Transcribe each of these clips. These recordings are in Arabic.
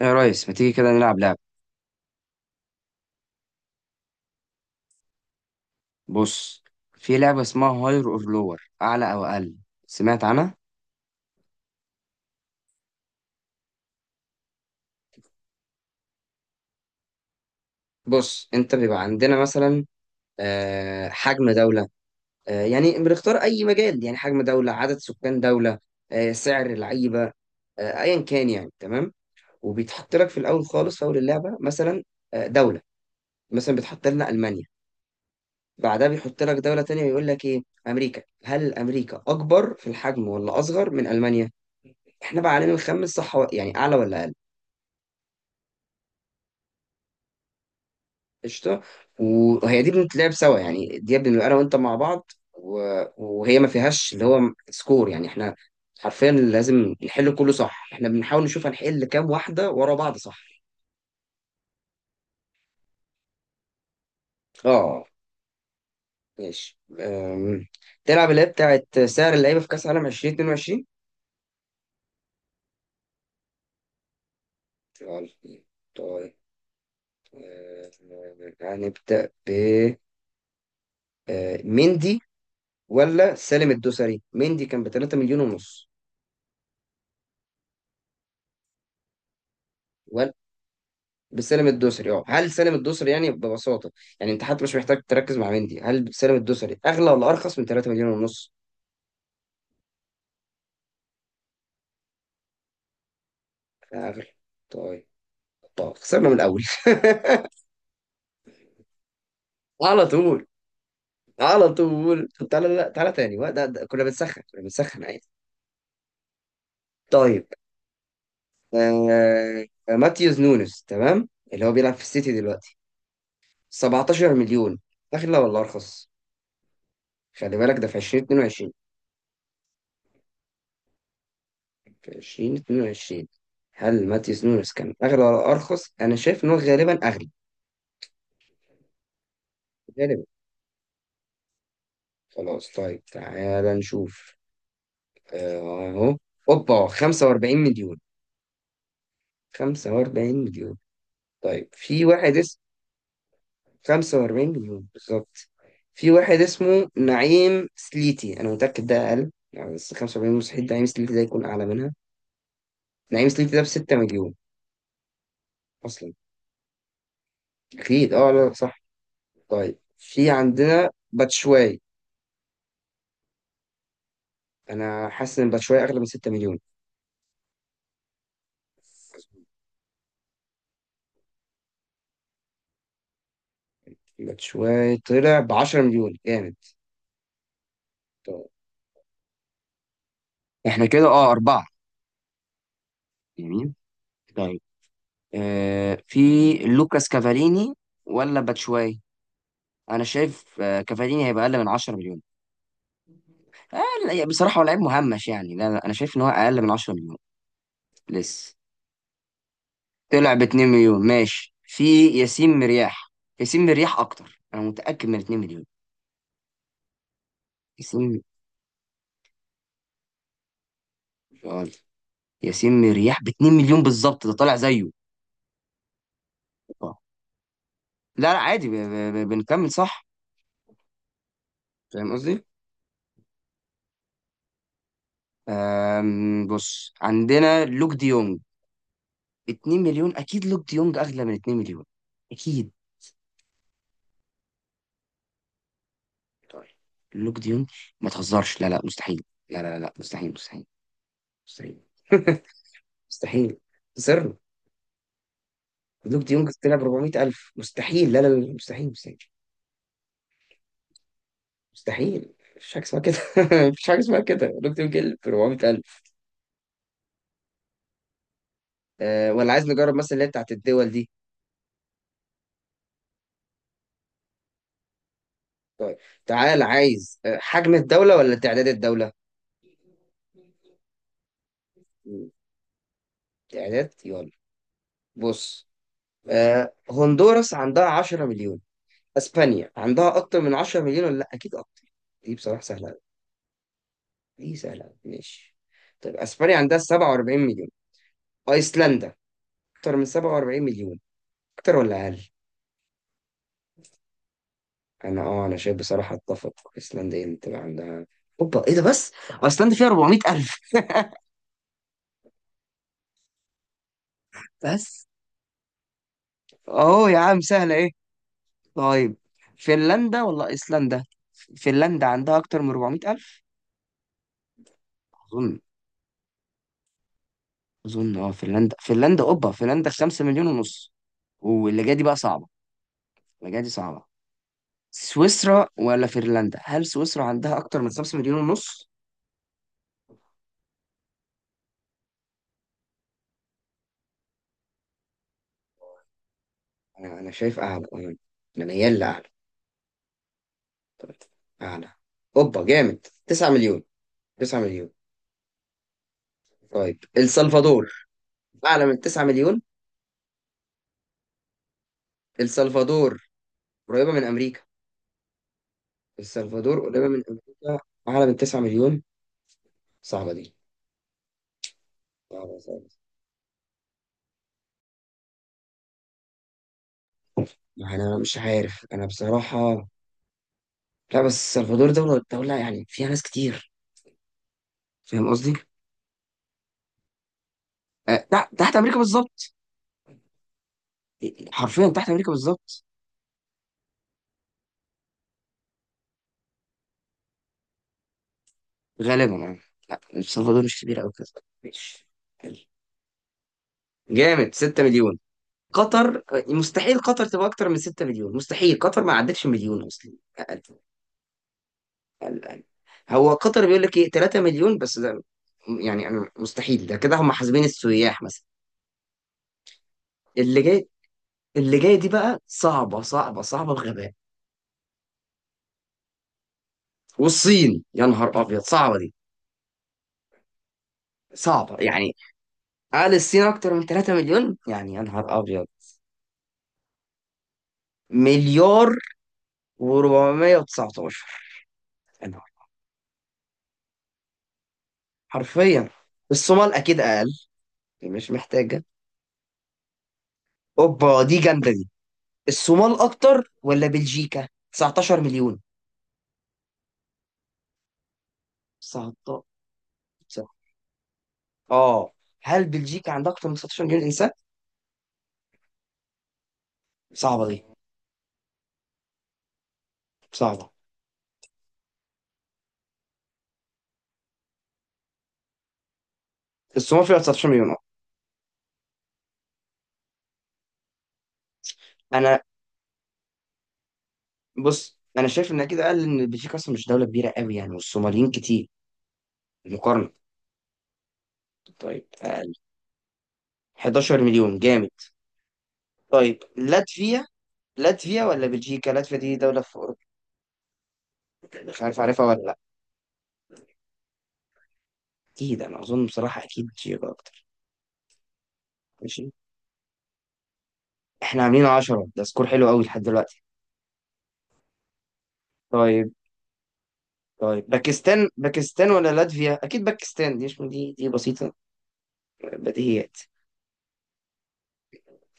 يا ريس، ما تيجي كده نلعب لعبة؟ بص، في لعبة اسمها هاير اور لور، أعلى أو أقل. سمعت عنها؟ بص، أنت بيبقى عندنا مثلا حجم دولة. يعني بنختار أي مجال، يعني حجم دولة، عدد سكان دولة، سعر لعيبة، أيا كان، يعني تمام. وبيتحط لك في الأول خالص، في أول اللعبة مثلا دولة، مثلا بيتحط لنا ألمانيا. بعدها بيحط لك دولة تانية ويقول لك إيه، أمريكا، هل أمريكا أكبر في الحجم ولا أصغر من ألمانيا؟ إحنا بقى علينا الخمس صح يعني أعلى ولا أقل. قشطه. وهي دي بنتلعب سوا، يعني دي بنبقى انا وانت مع بعض وهي ما فيهاش اللي هو سكور، يعني احنا حرفيا لازم نحل كله صح، احنا بنحاول نشوف هنحل كام واحده ورا بعض صح. اه ماشي. تلعب اللي هي بتاعت سعر اللعيبه في كاس عالم 2022. يلا. طيب. طيب أه، هنبدا ب مندي ولا سالم الدوسري؟ مندي كان ب 3 مليون ونص، بسالم الدوسري. اه، هل سالم الدوسري يعني ببساطه، يعني انت حتى مش محتاج تركز مع مندي، هل سالم الدوسري اغلى ولا ارخص من 3 مليون ونص؟ اغلى. طيب. طب خسرنا من الاول. على طول. على طول. طب تعالى، لا تعالى تاني وقت، كنا بنسخن، كنا بنسخن عادي. طيب. ماتيوس نونس، تمام، اللي هو بيلعب في السيتي دلوقتي، 17 مليون. اغلى ولا ارخص؟ خلي بالك ده في 2022، في 2022. هل ماتيوس نونس كان أغلى ولا أرخص؟ أنا شايف إن هو غالبا أغلى. غالبا. خلاص. طيب تعالى نشوف. أهو. أوبا، 45 مليون. 45 مليون. طيب في واحد اسمه، 45 مليون بالظبط. في واحد اسمه نعيم سليتي، أنا متأكد ده أقل يعني، بس 45 مستحيل نعيم سليتي ده يكون أعلى منها. نعيم سليتي ده ب 6 مليون أصلا. أكيد. لا، صح. طيب، في عندنا باتشواي. انا حاسس ان باتشواي اغلى من 6 مليون. باتشواي طلع ب 10 مليون. جامد. طيب. احنا كده اربعة. جميل. طيب. في لوكاس كافاليني ولا باتشواي؟ انا شايف كافاليني هيبقى اقل من 10 مليون. آه لا، بصراحة هو لعيب مهمش يعني. لا لا، انا شايف ان هو اقل من 10 مليون لسه. طلع ب 2 مليون. ماشي، في ياسين مرياح. ياسين مرياح اكتر، انا متأكد، من 2 مليون. ياسين. آه، ياسين مرياح ب 2 مليون بالظبط، ده طالع زيه. لا لا عادي، بنكمل صح. فاهم قصدي؟ بص، عندنا لوك دي يونج، 2 مليون. اكيد لوك دي يونج اغلى من 2 مليون. اكيد. طيب، لوك دي يونج، ما تهزرش! لا لا مستحيل. لا لا لا مستحيل، مستحيل، مستحيل. مستحيل. صرنا. لوك دي يونج طلع ب 400000. مستحيل. لا لا لا مستحيل، مستحيل، مستحيل. مفيش حاجه اسمها كده. مفيش حاجه اسمها كده، لوك دي يونج ب 400000. أه، ولا عايز نجرب مثلا اللي هي بتاعت الدول دي؟ طيب تعال، عايز حجم الدولة ولا تعداد الدولة؟ مم. تعداد يلا. بص، هندوراس عندها 10 مليون. اسبانيا عندها اكتر من 10 مليون ولا لا؟ اكيد اكتر. دي بصراحة سهلة أوي. دي سهلة أوي. ماشي. طيب، اسبانيا عندها 47 مليون. ايسلندا، اكتر من 47 مليون؟ اكتر ولا اقل؟ انا شايف بصراحة، اتفق، ايسلندا هي اللي تبقى عندها. اوبا، ايه ده بس؟ ايسلندا فيها 400 الف بس. اه يا عم، سهلة ايه؟ طيب، فنلندا ولا ايسلندا؟ فنلندا عندها اكتر من 400000، اظن. فنلندا. اوبا، فنلندا 5 مليون ونص. واللي جايه دي بقى صعبه. اللي جايه دي صعبه. سويسرا ولا فنلندا؟ هل سويسرا عندها اكتر من 5 مليون ونص؟ انا شايف اعلى، انا. أنا ميال لاعلى. طيب، اعلى. اوبا جامد، 9 مليون. 9 مليون. طيب، السلفادور اعلى من 9 مليون. السلفادور قريبه من امريكا. السلفادور قريبه من امريكا، اعلى من 9 مليون؟ صعبة دي. صعبة، صعبة. ما أنا مش عارف أنا بصراحة. لا بس السلفادور دولة، دولة يعني فيها ناس كتير. فاهم قصدي؟ أه، تحت تحت أمريكا بالظبط. حرفيا تحت أمريكا بالظبط. غالبا يعني. لا السلفادور مش كبيرة أوي كده. ماشي. حلو. جامد، 6 مليون. قطر، مستحيل قطر تبقى أكتر من 6 مليون. مستحيل قطر ما عدتش مليون أصلا. أقل. أقل، أقل. هو قطر بيقول لك إيه، 3 مليون بس ده. يعني أنا مستحيل ده كده، هم حاسبين السياح مثلا. اللي جاي. اللي جايه دي بقى صعبه، صعبه، صعبه بغباء. والصين، يا نهار ابيض. صعبه دي. صعبه يعني. قال الصين اكتر من 3 مليون، يعني يا نهار ابيض. مليار و419. يا نهار. حرفيا. الصومال اكيد اقل، يعني مش محتاجه. اوبا، دي جامده دي. الصومال اكتر ولا بلجيكا 19 مليون؟ 19. اه. هل بلجيكا عندها اكتر من 19 مليون انسان؟ صعبه دي. صعبه. الصومال فيها 19 مليون. اه انا. بص، انا شايف ان كده قال ان بلجيكا اصلا مش دوله كبيره قوي يعني، والصوماليين كتير مقارنه. طيب، فقال 11 مليون. جامد. طيب، لاتفيا ولا بلجيكا؟ لاتفيا دي دوله في اوروبا، يعني مش عارف عارفها ولا لا. اكيد، انا اظن بصراحه اكيد بلجيكا اكتر. ماشي. احنا عاملين 10، ده سكور حلو قوي لحد دلوقتي. طيب. طيب، باكستان ولا لاتفيا؟ اكيد باكستان. دي مش، دي دي بسيطه، بديهيات.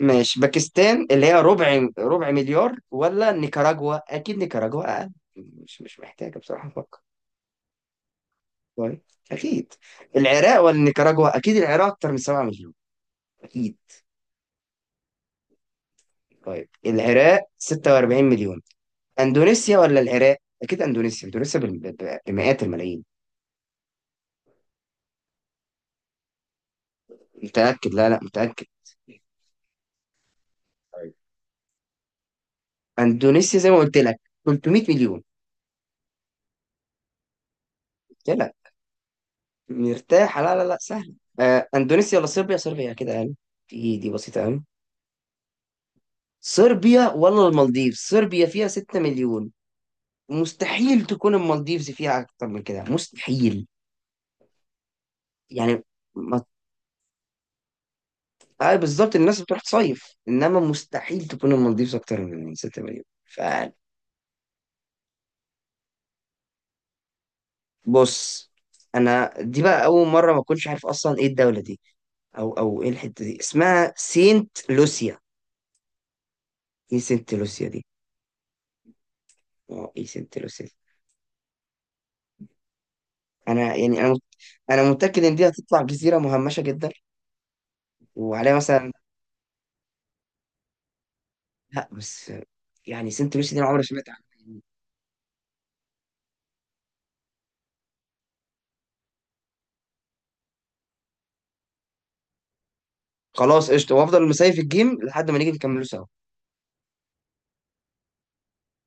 ماشي، باكستان اللي هي ربع مليار، ولا نيكاراجوا؟ اكيد نيكاراجوا اقل. مش محتاجه بصراحه افكر. طيب. اكيد. العراق ولا نيكاراجوا؟ اكيد العراق اكتر من 7 مليون. اكيد. طيب، العراق 46 مليون. اندونيسيا ولا العراق؟ اكيد اندونيسيا. بمئات الملايين. متاكد. لا لا، متاكد. طيب، اندونيسيا زي ما قلت لك، 300 مليون. قلت لك. مرتاحه. لا لا لا، سهله. اندونيسيا ولا صربيا؟ صربيا كده يعني. دي بسيطه قوي. صربيا ولا المالديفز؟ صربيا فيها 6 مليون، مستحيل تكون المالديفز فيها اكتر من كده. مستحيل يعني. ما... آه بالظبط، الناس بتروح تصيف، انما مستحيل تكون المالديفز اكتر من 6 مليون. فبص، انا دي بقى اول مره ما اكونش عارف اصلا ايه الدوله دي، او ايه الحته دي، اسمها سينت لوسيا. ايه سينت لوسيا دي؟ ايه سينت لوسيا دي؟ يعني انا انا متاكد ان دي هتطلع جزيره مهمشه جدا وعليها مثلا. لا بس يعني، سنت لوسي دي انا عمري ما سمعت عنها يعني. خلاص قشطه، وافضل مسايف الجيم لحد ما نيجي نكمله سوا.